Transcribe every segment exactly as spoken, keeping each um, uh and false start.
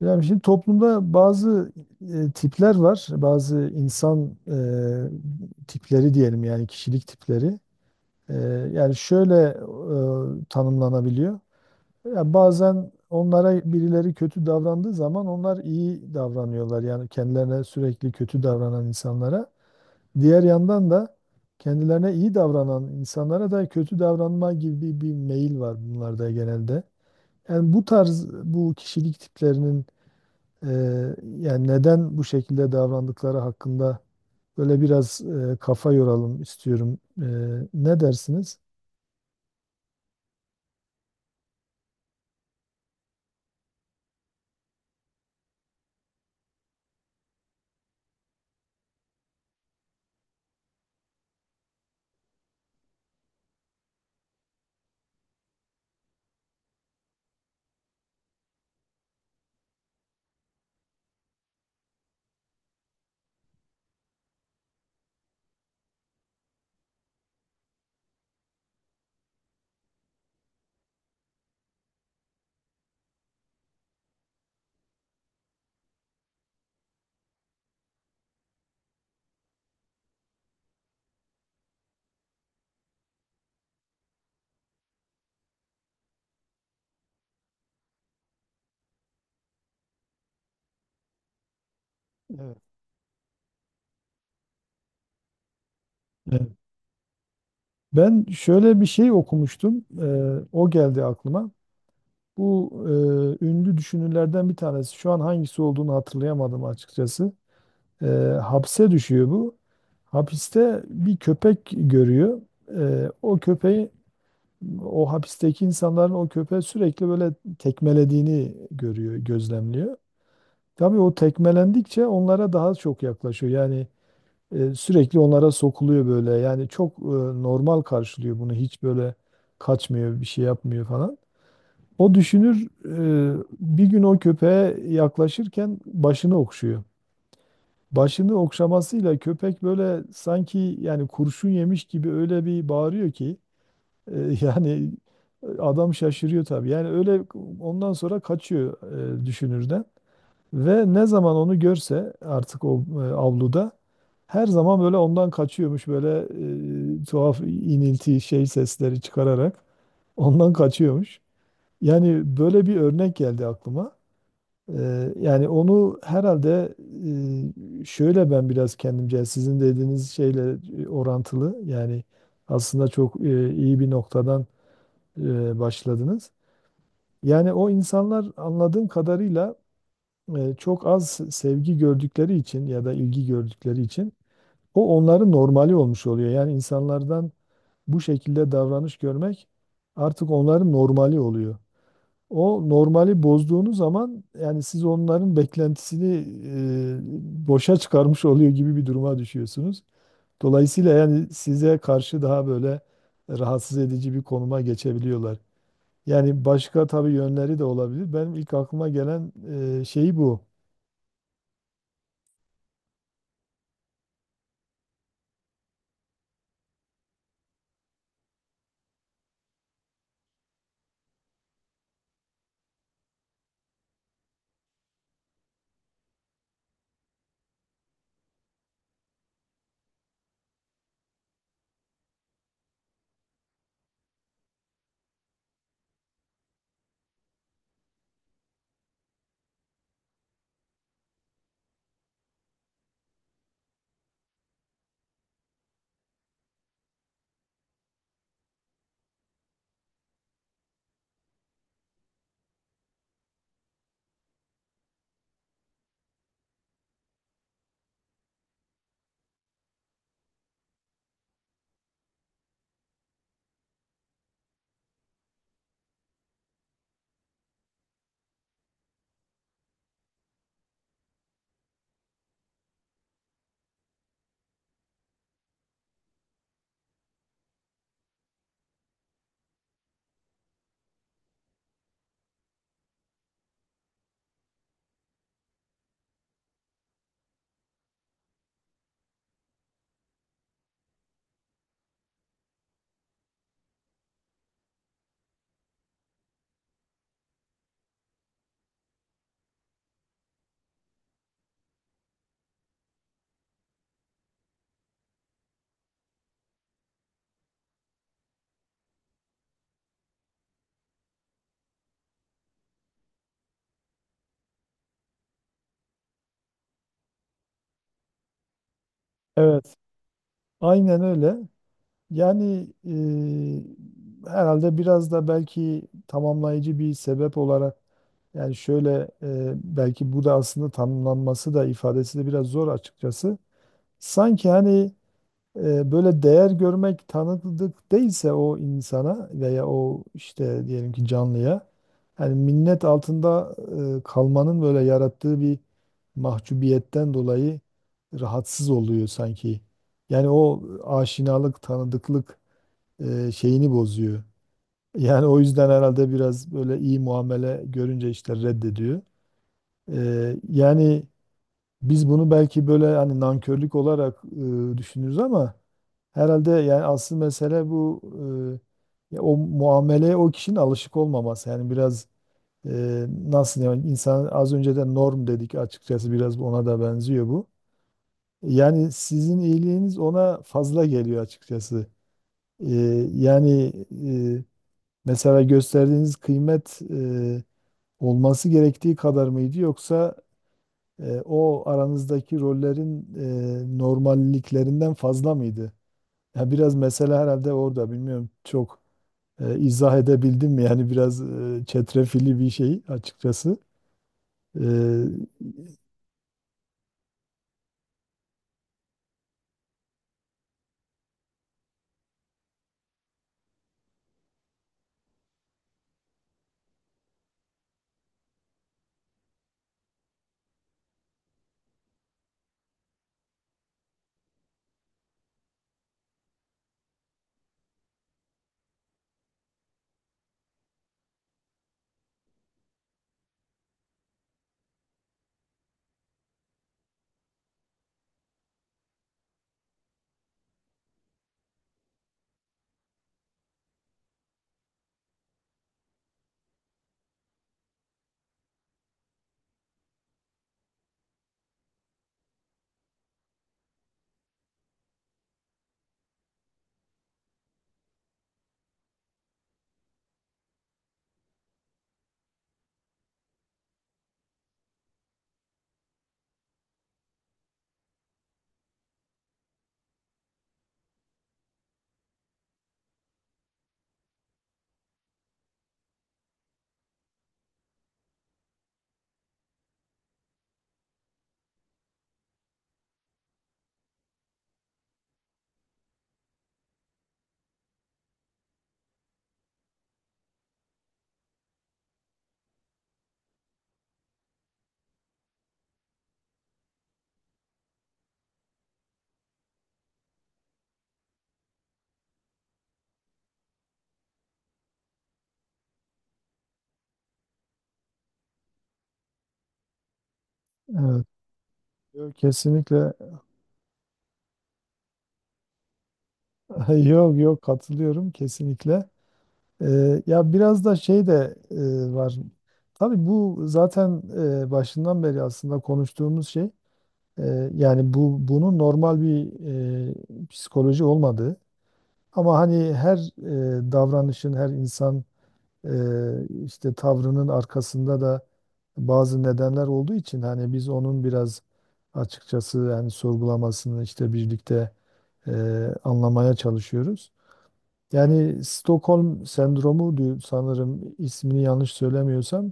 Yani şimdi toplumda bazı e, tipler var, bazı insan e, tipleri diyelim yani kişilik tipleri. E, yani şöyle e, tanımlanabiliyor. Ya bazen onlara birileri kötü davrandığı zaman onlar iyi davranıyorlar. Yani kendilerine sürekli kötü davranan insanlara. Diğer yandan da kendilerine iyi davranan insanlara da kötü davranma gibi bir, bir meyil var bunlarda genelde. Yani bu tarz bu kişilik tiplerinin ee, yani neden bu şekilde davrandıkları hakkında böyle biraz e, kafa yoralım istiyorum. Ee, ne dersiniz? Evet. Evet. Ben şöyle bir şey okumuştum. Ee, o geldi aklıma. Bu e, ünlü düşünürlerden bir tanesi. Şu an hangisi olduğunu hatırlayamadım açıkçası. Ee, Hapse düşüyor bu. Hapiste bir köpek görüyor. Ee, o köpeği o hapisteki insanların o köpeği sürekli böyle tekmelediğini görüyor, gözlemliyor. Tabii o tekmelendikçe onlara daha çok yaklaşıyor. Yani e, sürekli onlara sokuluyor böyle. Yani çok e, normal karşılıyor bunu. Hiç böyle kaçmıyor, bir şey yapmıyor falan. O düşünür e, bir gün o köpeğe yaklaşırken başını okşuyor. Başını okşamasıyla köpek böyle sanki yani kurşun yemiş gibi öyle bir bağırıyor ki e, yani adam şaşırıyor tabii. Yani öyle ondan sonra kaçıyor e, düşünürden. Ve ne zaman onu görse artık o e, avluda her zaman böyle ondan kaçıyormuş böyle e, tuhaf inilti şey sesleri çıkararak ondan kaçıyormuş. Yani böyle bir örnek geldi aklıma. E, yani onu herhalde e, şöyle ben biraz kendimce sizin dediğiniz şeyle e, orantılı yani aslında çok e, iyi bir noktadan e, başladınız. Yani o insanlar anladığım kadarıyla e, çok az sevgi gördükleri için ya da ilgi gördükleri için o onların normali olmuş oluyor. Yani insanlardan bu şekilde davranış görmek artık onların normali oluyor. O normali bozduğunuz zaman yani siz onların beklentisini e, boşa çıkarmış oluyor gibi bir duruma düşüyorsunuz. Dolayısıyla yani size karşı daha böyle rahatsız edici bir konuma geçebiliyorlar. Yani başka tabii yönleri de olabilir. Benim ilk aklıma gelen e, şey bu. Evet. Aynen öyle. Yani e, herhalde biraz da belki tamamlayıcı bir sebep olarak yani şöyle e, belki bu da aslında tanımlanması da ifadesi de biraz zor açıkçası. Sanki hani e, böyle değer görmek tanıdık değilse o insana veya o işte diyelim ki canlıya yani minnet altında e, kalmanın böyle yarattığı bir mahcubiyetten dolayı rahatsız oluyor sanki. Yani o aşinalık, tanıdıklık e, şeyini bozuyor. Yani o yüzden herhalde biraz böyle iyi muamele görünce işte reddediyor. E, yani biz bunu belki böyle hani nankörlük olarak e, düşünürüz ama herhalde yani asıl mesele bu e, ya o muameleye o kişinin alışık olmaması. Yani biraz e, nasıl yani insan az önce de norm dedik açıkçası biraz ona da benziyor bu. Yani sizin iyiliğiniz ona fazla geliyor açıkçası. E, Yani e, mesela gösterdiğiniz kıymet e, olması gerektiği kadar mıydı yoksa e, o aranızdaki rollerin e, normalliklerinden fazla mıydı? Ya biraz mesele herhalde orada bilmiyorum çok. E, izah edebildim mi? Yani biraz e, çetrefilli bir şey açıkçası. E, evet. Yo, kesinlikle. yok yok katılıyorum kesinlikle. E, ya biraz da şey de e, var. Tabii bu zaten e, başından beri aslında konuştuğumuz şey. E, yani bu bunun normal bir e, psikoloji olmadığı. Ama hani her e, davranışın, her insan Ee, işte tavrının arkasında da bazı nedenler olduğu için hani biz onun biraz açıkçası yani sorgulamasını işte birlikte e, anlamaya çalışıyoruz. Yani Stockholm sendromu diyor sanırım ismini yanlış söylemiyorsam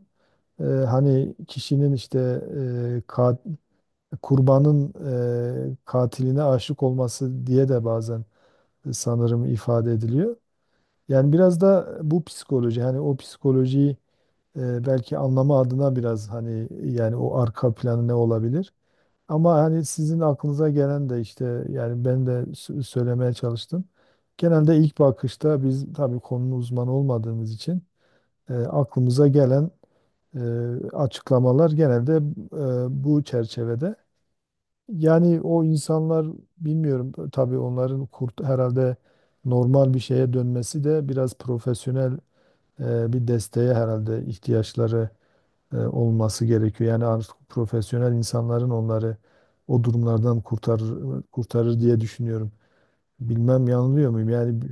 e, hani kişinin işte e, ka- kurbanın e, katiline aşık olması diye de bazen sanırım ifade ediliyor. Yani biraz da bu psikoloji hani o psikolojiyi e, belki anlamı adına biraz hani yani o arka planı ne olabilir? Ama hani sizin aklınıza gelen de işte yani ben de sö- söylemeye çalıştım. Genelde ilk bakışta biz tabii konunun uzmanı olmadığımız için e, aklımıza gelen e, açıklamalar genelde e, bu çerçevede. Yani o insanlar bilmiyorum tabii onların kurt herhalde normal bir şeye dönmesi de biraz profesyonel e, bir desteğe herhalde ihtiyaçları e, olması gerekiyor. Yani artık profesyonel insanların onları o durumlardan kurtarır, kurtarır diye düşünüyorum. Bilmem yanılıyor muyum? Yani b-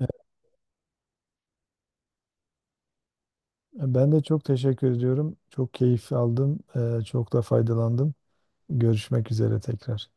Evet, ben de çok teşekkür ediyorum. Çok keyif aldım. e, Çok da faydalandım. Görüşmek üzere tekrar.